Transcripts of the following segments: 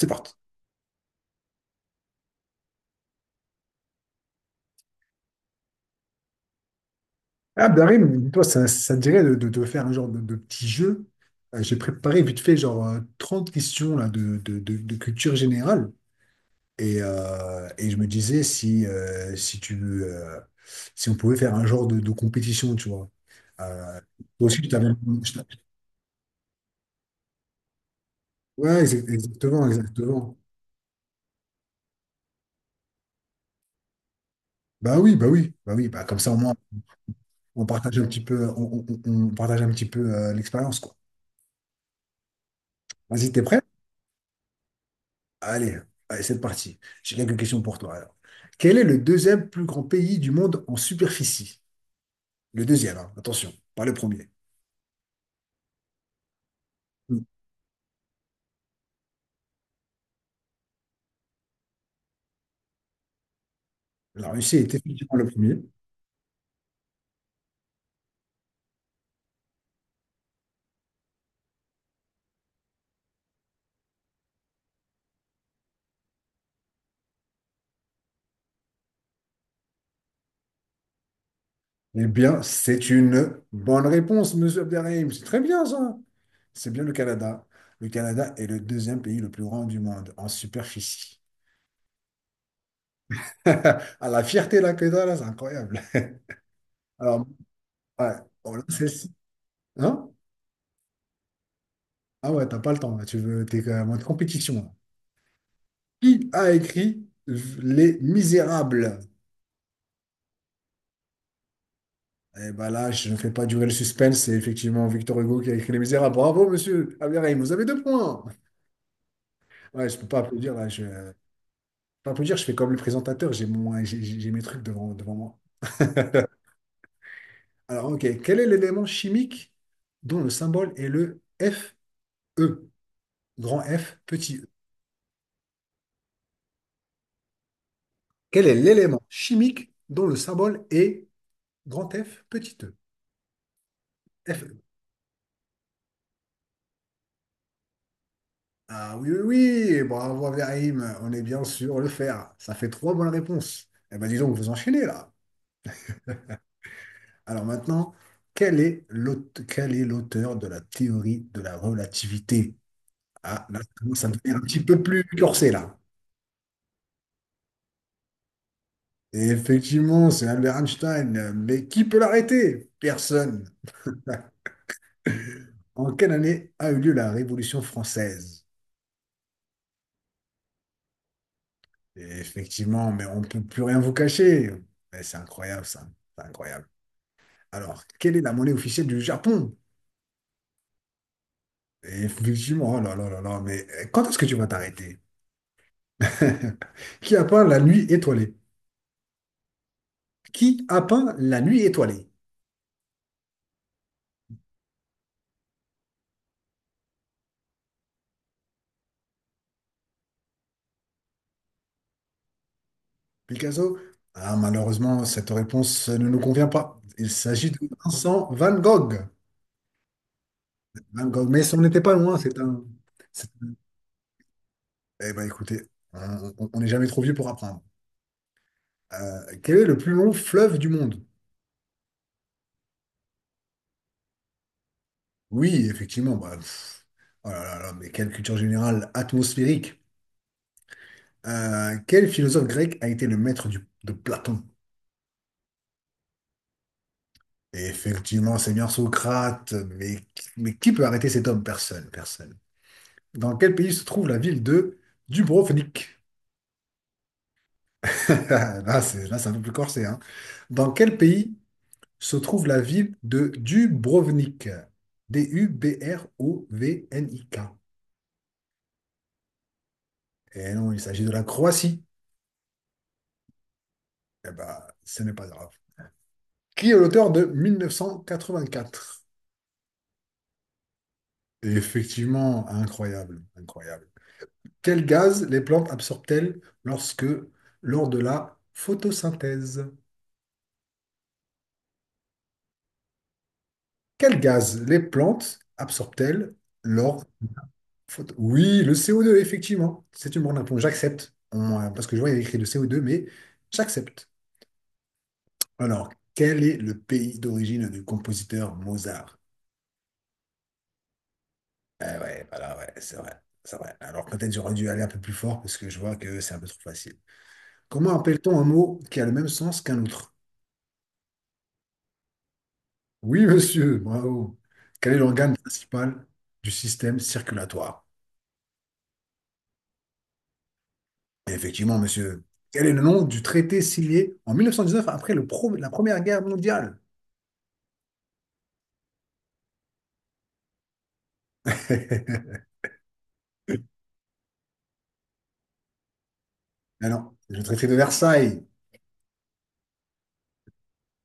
C'est parti. Ah, Darim, toi, ça te dirait de, faire un genre de petit jeu. J'ai préparé vite fait genre 30 questions là, de culture générale. Et je me disais euh, si on pouvait faire un genre de compétition, tu vois. Euh, Toi aussi, tu t'avais. je t'avais- Ouais, exactement, exactement. Bah oui, bah oui, bah oui, bah comme ça au moins on partage un petit peu, on partage un petit peu l'expérience, quoi. Vas-y, t'es prêt? Allez, allez, c'est parti. J'ai quelques questions pour toi alors. Quel est le deuxième plus grand pays du monde en superficie? Le deuxième, hein, attention, pas le premier. Mm. La Russie est effectivement le premier. Eh bien, c'est une bonne réponse, monsieur Abderrahim. C'est très bien ça. C'est bien le Canada. Le Canada est le deuxième pays le plus grand du monde en superficie. À la fierté là que t'as, là, c'est incroyable. Alors, ouais, bon, là, celle-ci. Hein? Ah ouais, t'as pas le temps, là. Tu veux, t'es quand même en compétition là. Qui a écrit Les Misérables? Eh ben là, je ne fais pas durer le suspense, c'est effectivement Victor Hugo qui a écrit Les Misérables. Bravo, monsieur Abderrahim, vous avez deux points. Ouais, je peux pas applaudir là, je peux pas applaudir, je fais comme le présentateur, j'ai mon, j'ai mes trucs devant moi. Alors, ok, quel est l'élément chimique dont le symbole est le Fe? Grand F, petit E. Quel est l'élément chimique dont le symbole est grand F, petit E? Fe. Ah oui, oui, oui, bravo Ibrahim, on est bien sûr le faire. Ça fait trois bonnes réponses. Eh bien, disons que vous enchaînez là. Alors maintenant, quel est l'auteur de la théorie de la relativité? Ah, là, ça commence à devenir un petit peu plus corsé là. Et effectivement, c'est Albert Einstein, mais qui peut l'arrêter? Personne. En quelle année a eu lieu la Révolution française? Et effectivement, mais on ne peut plus rien vous cacher. Mais c'est incroyable ça. C'est incroyable. Alors, quelle est la monnaie officielle du Japon? Et effectivement, oh là là là là, mais quand est-ce que tu vas t'arrêter? Qui a peint la nuit étoilée? Qui a peint la nuit étoilée? Picasso? Ah, malheureusement, cette réponse ne nous convient pas. Il s'agit de Vincent Van Gogh. Van Gogh, mais on n'était pas loin. C'est un- Eh ben écoutez, on n'est jamais trop vieux pour apprendre. Quel est le plus long fleuve du monde? Oui, effectivement, bah, pff, oh là là là, mais quelle culture générale atmosphérique. Quel philosophe grec a été le maître de Platon? Et effectivement, c'est bien Socrate, mais qui peut arrêter cet homme? Personne, personne. Dans quel pays se trouve la ville de Dubrovnik? Là, c'est un peu plus corsé, hein. Dans quel pays se trouve la ville de Dubrovnik? Dubrovnik. Et non, il s'agit de la Croatie. Eh ben, ce n'est pas grave. Qui est l'auteur de 1984? Effectivement, incroyable, incroyable. Quel gaz les plantes absorbent-elles lorsque, lors de la photosynthèse? Quel gaz les plantes absorbent-elles lors... Oui, le CO2, effectivement. C'est une bonne réponse. J'accepte. Parce que je vois, il y a écrit le CO2, mais j'accepte. Alors, quel est le pays d'origine du compositeur Mozart? Eh ouais, voilà, ouais, c'est vrai. C'est vrai. Alors, peut-être j'aurais dû aller un peu plus fort parce que je vois que c'est un peu trop facile. Comment appelle-t-on un mot qui a le même sens qu'un autre? Oui, monsieur, bravo. Quel est l'organe principal du système circulatoire? Effectivement, monsieur. Quel est le nom du traité signé en 1919 après la Première Guerre mondiale? Alors, le traité de Versailles.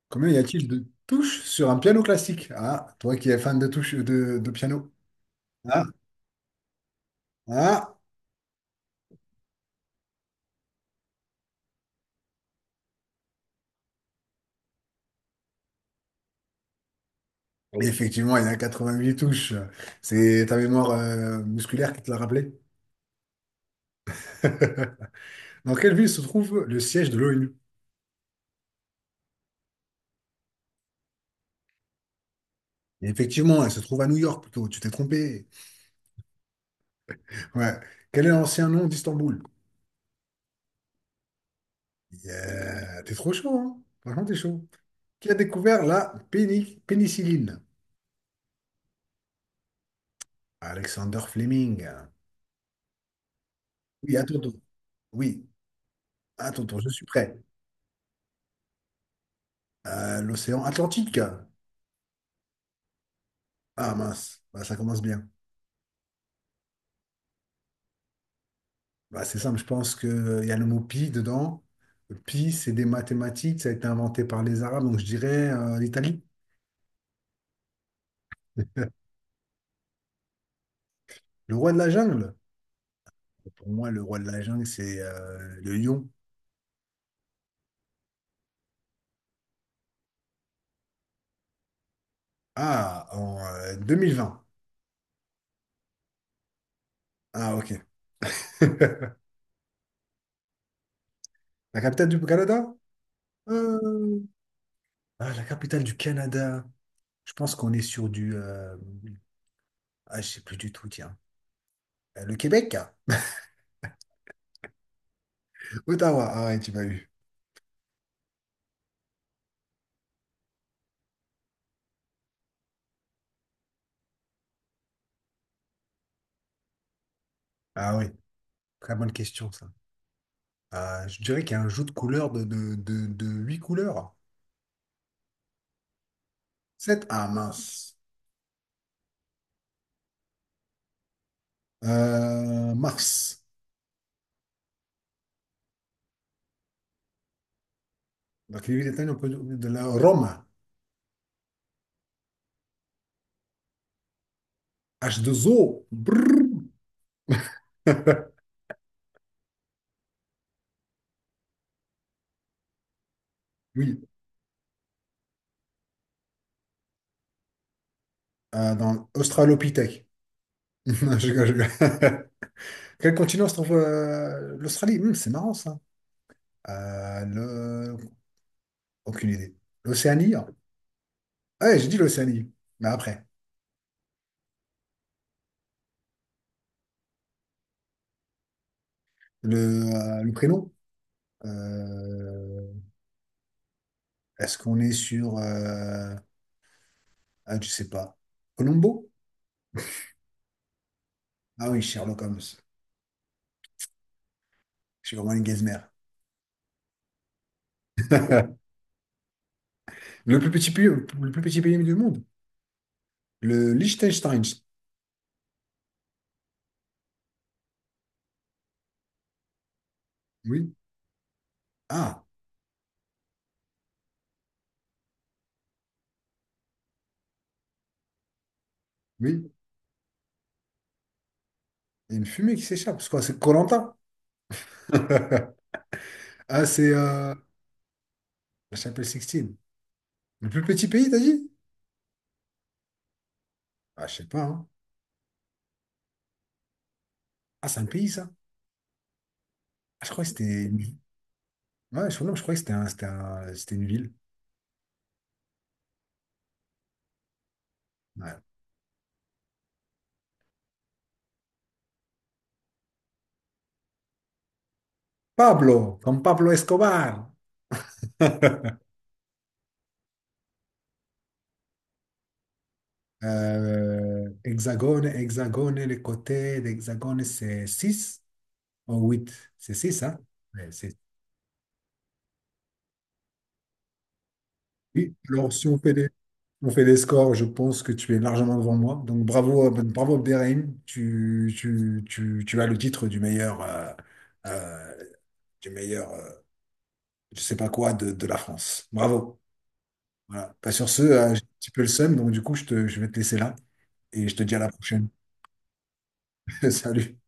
Combien y a-t-il de touches sur un piano classique? Ah, toi qui es fan de touches de piano. Ah, ah. Oui, effectivement, il y a 88 touches. C'est ta mémoire musculaire qui te l'a rappelé. Dans quelle ville se trouve le siège de l'ONU? Et effectivement, elle se trouve à New York plutôt. Tu t'es trompé. Ouais. Quel est l'ancien nom d'Istanbul? Yeah. T'es trop chaud, hein? Franchement, t'es chaud. Qui a découvert la pénicilline? Alexander Fleming. Oui, à ton tour. Oui, à ton tour, je suis prêt. L'océan Atlantique. Ah mince, bah, ça commence bien. Bah, c'est simple, je pense qu'il y a le mot pi dedans. Le Pi, c'est des mathématiques, ça a été inventé par les Arabes, donc je dirais l'Italie. Le roi de la jungle. Pour moi, le roi de la jungle, c'est le lion. Ah, en 2020. Ah, ok. La capitale du Canada? Euh, Ah, la capitale du Canada. Je pense qu'on est sur du... Ah, je sais plus du tout, tiens. Le Québec? Ottawa. Ah ouais, tu m'as eu. Ah oui, très bonne question, ça. Ah, je dirais qu'il y a un jeu de couleurs de 8 couleurs. Sept. Ah, mince. Mars. Donc, les huit étoiles, de la Rome. H2O. Brrr. Oui, dans l'Australopithèque. Non, je rigole, je rigole. Quel continent se trouve l'Australie? Hmm, c'est marrant ça. Euh, le- Aucune idée. L'Océanie? Hein. Ouais, j'ai dit l'Océanie. Mais après, le, le prénom? euh, Est-ce qu'on est sur... Ah, je sais pas. Colombo? Ah oui, Sherlock Holmes. Je suis vraiment une gazmère. Le plus petit pays, le plus petit pays du monde? Le Liechtenstein. Oui. Ah, oui. Il y a une fumée qui s'échappe. C'est quoi? C'est koh. Ah, c'est... La chapelle Sixtine. Le plus petit pays, t'as dit? Ah, je sais pas, hein. Ah, c'est un pays, ça? Ah, je crois que c'était une ville. Ouais, non, je crois que c'était une ville. Ouais. Pablo, comme Pablo Escobar. Hexagone, hexagone, les côtés d'hexagone, c'est 6 ou huit. C'est 6 hein? Ouais, c'est oui. Alors, si on fait des, on fait des scores, je pense que tu es largement devant moi. Donc, bravo, ben, bravo Abderrahim. Tu as le titre du meilleur, euh, du meilleur. Je sais pas quoi de la France. Bravo. Voilà. Bah, sur ce, j'ai un petit peu le seum, donc du coup, je vais te laisser là et je te dis à la prochaine. Salut.